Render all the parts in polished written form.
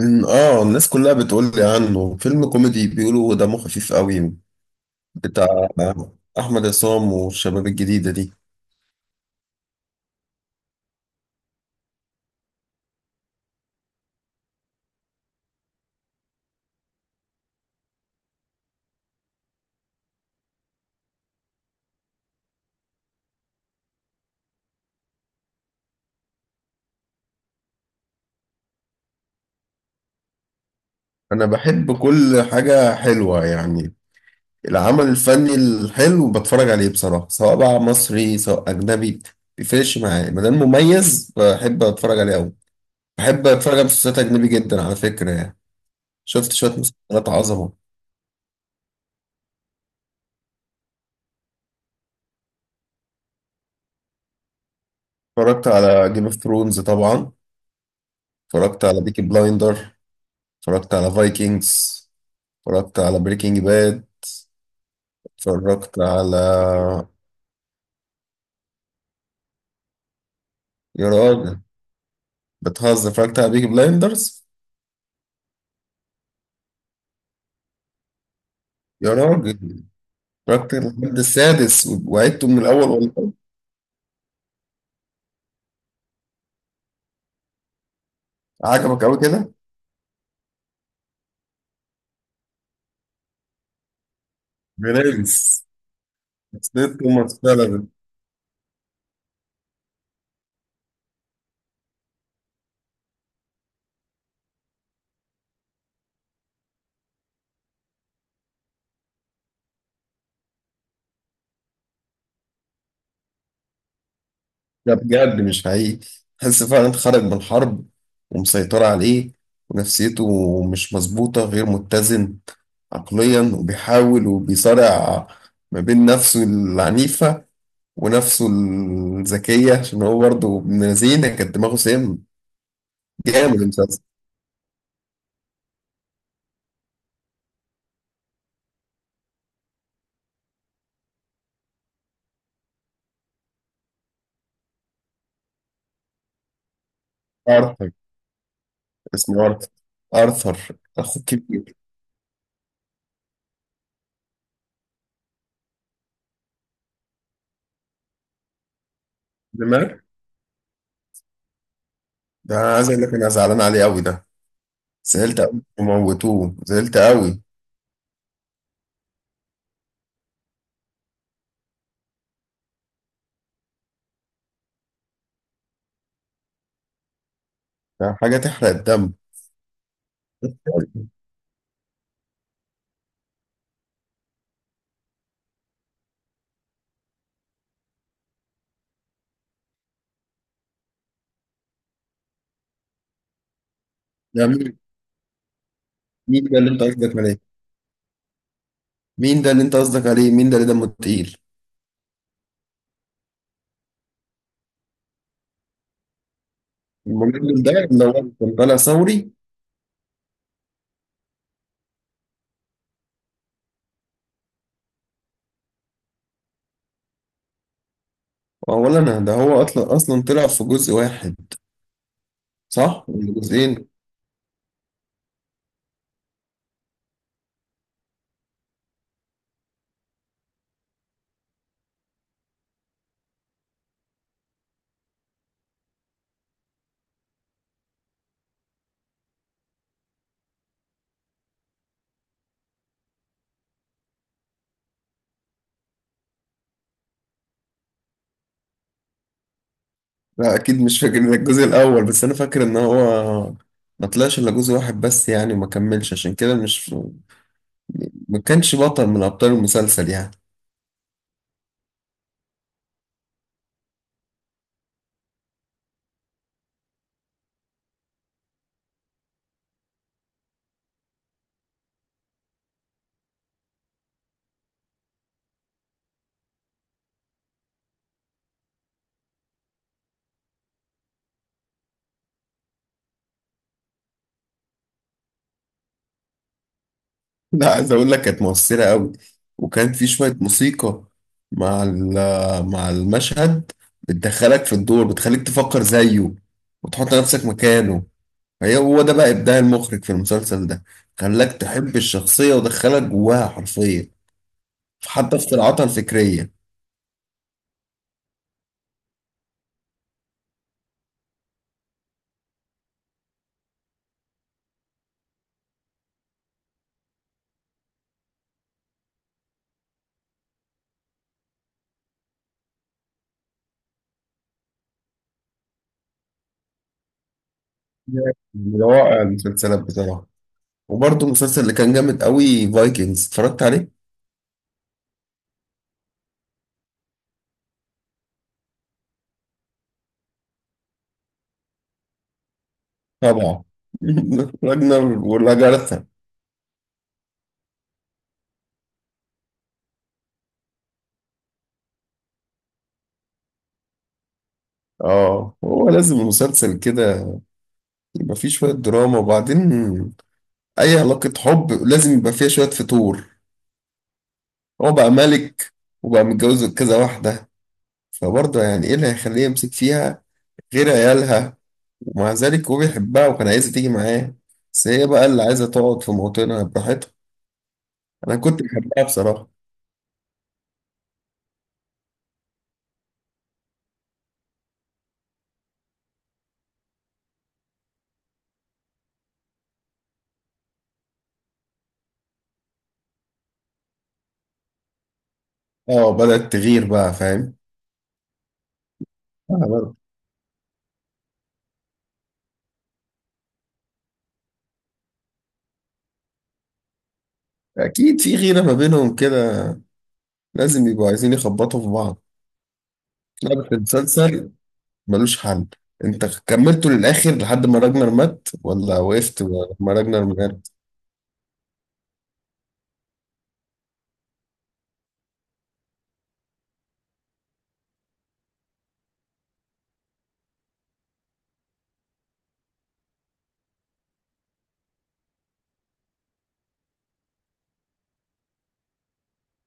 الناس كلها بتقول لي عنه فيلم كوميدي، بيقولوا دمه خفيف قوي، بتاع احمد عصام والشباب الجديده دي. انا بحب كل حاجه حلوه يعني، العمل الفني الحلو بتفرج عليه بصراحه، سواء بقى مصري سواء اجنبي، مبيفرقش معايا ما دام مميز بحب اتفرج عليه قوي. بحب اتفرج على مسلسلات اجنبي جدا على فكره يعني. شفت شويه مسلسلات عظمه. اتفرجت على جيم اوف ثرونز طبعا، اتفرجت على بيكي بلايندر، اتفرجت على فايكنجز، اتفرجت على بريكنج باد، اتفرجت على يا راجل بتهزر! اتفرجت على بيكي بلايندرز. يا راجل، اتفرجت لحد السادس وعدته من الاول والله. عجبك قوي كده؟ برنس، شخصية توماس فعلا. ده بجد مش حقيقي، تحس فعلا انت خارج من حرب ومسيطرة عليه، ونفسيته مش مظبوطة، غير متزن عقليا، وبيحاول وبيصارع ما بين نفسه العنيفة ونفسه الذكية، عشان هو برضه ابن لذينة كانت دماغه سيم. جامد المسلسل. آرثر، اسمه آرثر. آرثر أخو الكبير. دماغ، ده أنا عايز أقول لك أنا زعلان عليه أوي ده. زعلت أوي وموتوه، زعلت أوي. ده حاجة تحرق الدم. ده مين؟ مين ده اللي أنت قصدك عليه؟ مين ده اللي أنت قصدك عليه؟ مين ده اللي دمه تقيل؟ المجنون ده اللي هو كان طالع ثوري. أولا ده هو أصلا طلع في جزء واحد. صح؟ ولا جزئين؟ لا اكيد مش فاكر الجزء الاول، بس انا فاكر ان هو ما طلعش الا جزء واحد بس يعني، وما كملش عشان كده، مش ما كانش بطل من ابطال المسلسل يعني. لا، عايز اقول لك كانت مؤثرة قوي، وكان في شوية موسيقى مع المشهد، بتدخلك في الدور، بتخليك تفكر زيه وتحط نفسك مكانه. هو ده بقى ابداع المخرج في المسلسل ده، خلاك تحب الشخصية ودخلك جواها حرفيا، حتى في صراعاتها الفكرية. من روائع المسلسلات بصراحة. وبرضه المسلسل اللي كان جامد قوي فايكنجز، اتفرجت عليه طبعا. راجنر ولاجارثا. اه، هو لازم مسلسل كده يبقى فيه شوية دراما. وبعدين أي علاقة حب لازم يبقى فيها شوية فتور. هو بقى ملك وبقى متجوز كذا واحدة، فبرضه يعني إيه اللي هيخليه يمسك فيها غير عيالها؟ ومع ذلك هو بيحبها وكان عايزة تيجي معاه، بس هي بقى اللي عايزة تقعد في موطنها براحتها. أنا كنت بحبها بصراحة. اه، بدأت تغير بقى. فاهم. أكيد في غيرة ما بينهم كده، لازم يبقوا عايزين يخبطوا في بعض. لا بس المسلسل ملوش حل. أنت كملته للآخر لحد ما راجنر مات ولا وقفت لما راجنر مات؟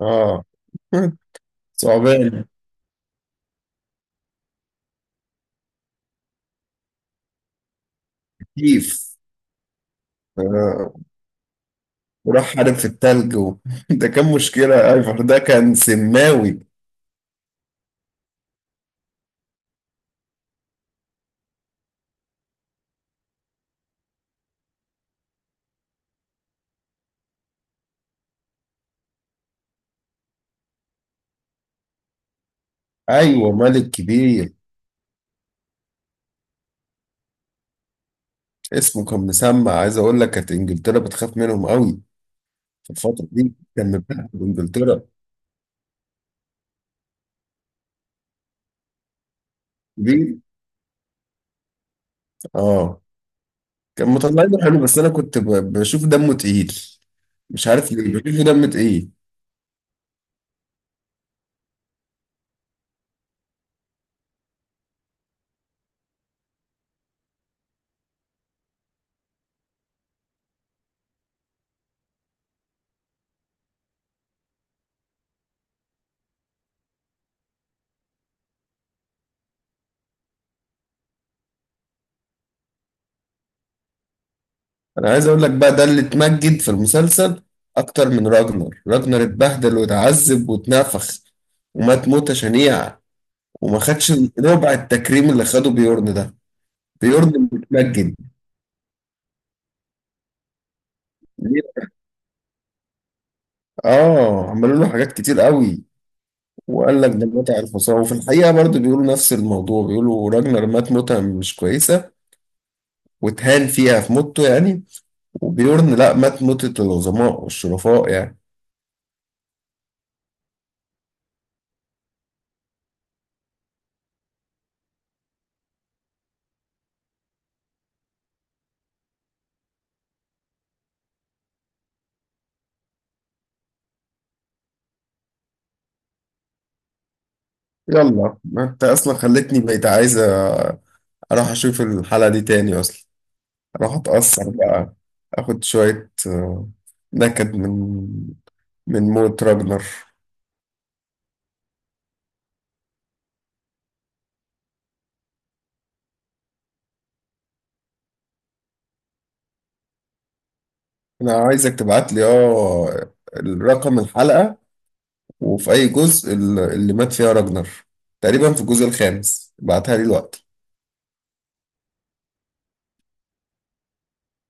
آه. ثعبان. كيف. آه. وراح حارب في التلج ده كان مشكلة أيفر، ده كان سماوي. أيوة، ملك كبير. اسمه كان مسمع، عايز أقول لك كانت إنجلترا بتخاف منهم قوي في الفترة دي، كان مبهدل إنجلترا. كبير. آه كان مطلعينه حلو، بس انا كنت بشوف دمه تقيل، مش عارف ليه بشوفه دمه تقيل. انا عايز اقول لك بقى، ده اللي اتمجد في المسلسل اكتر من راجنر. راجنر اتبهدل واتعذب واتنفخ ومات موتة شنيعة، وما خدش ربع التكريم اللي خده بيورن ده. بيورن متمجد. ليه؟ اه، عملوا له حاجات كتير قوي. وقال لك ده متع الحصان. وفي الحقيقة برضه بيقولوا نفس الموضوع، بيقولوا راجنر مات موتة مش كويسة واتهان فيها في موته يعني، وبيورن لا، مات موتة العظماء والشرفاء يعني. يلا، ما انت اصلا خلتني بقيت عايز اروح اشوف الحلقة دي تاني اصلا، اروح اتأثر بقى، اخد شوية نكد من موت راجنر. انا عايزك تبعت لي، اه، الرقم، الحلقة، وفي اي جزء اللي مات فيها راجنر، تقريبا في الجزء الخامس. بعتها لي الوقت.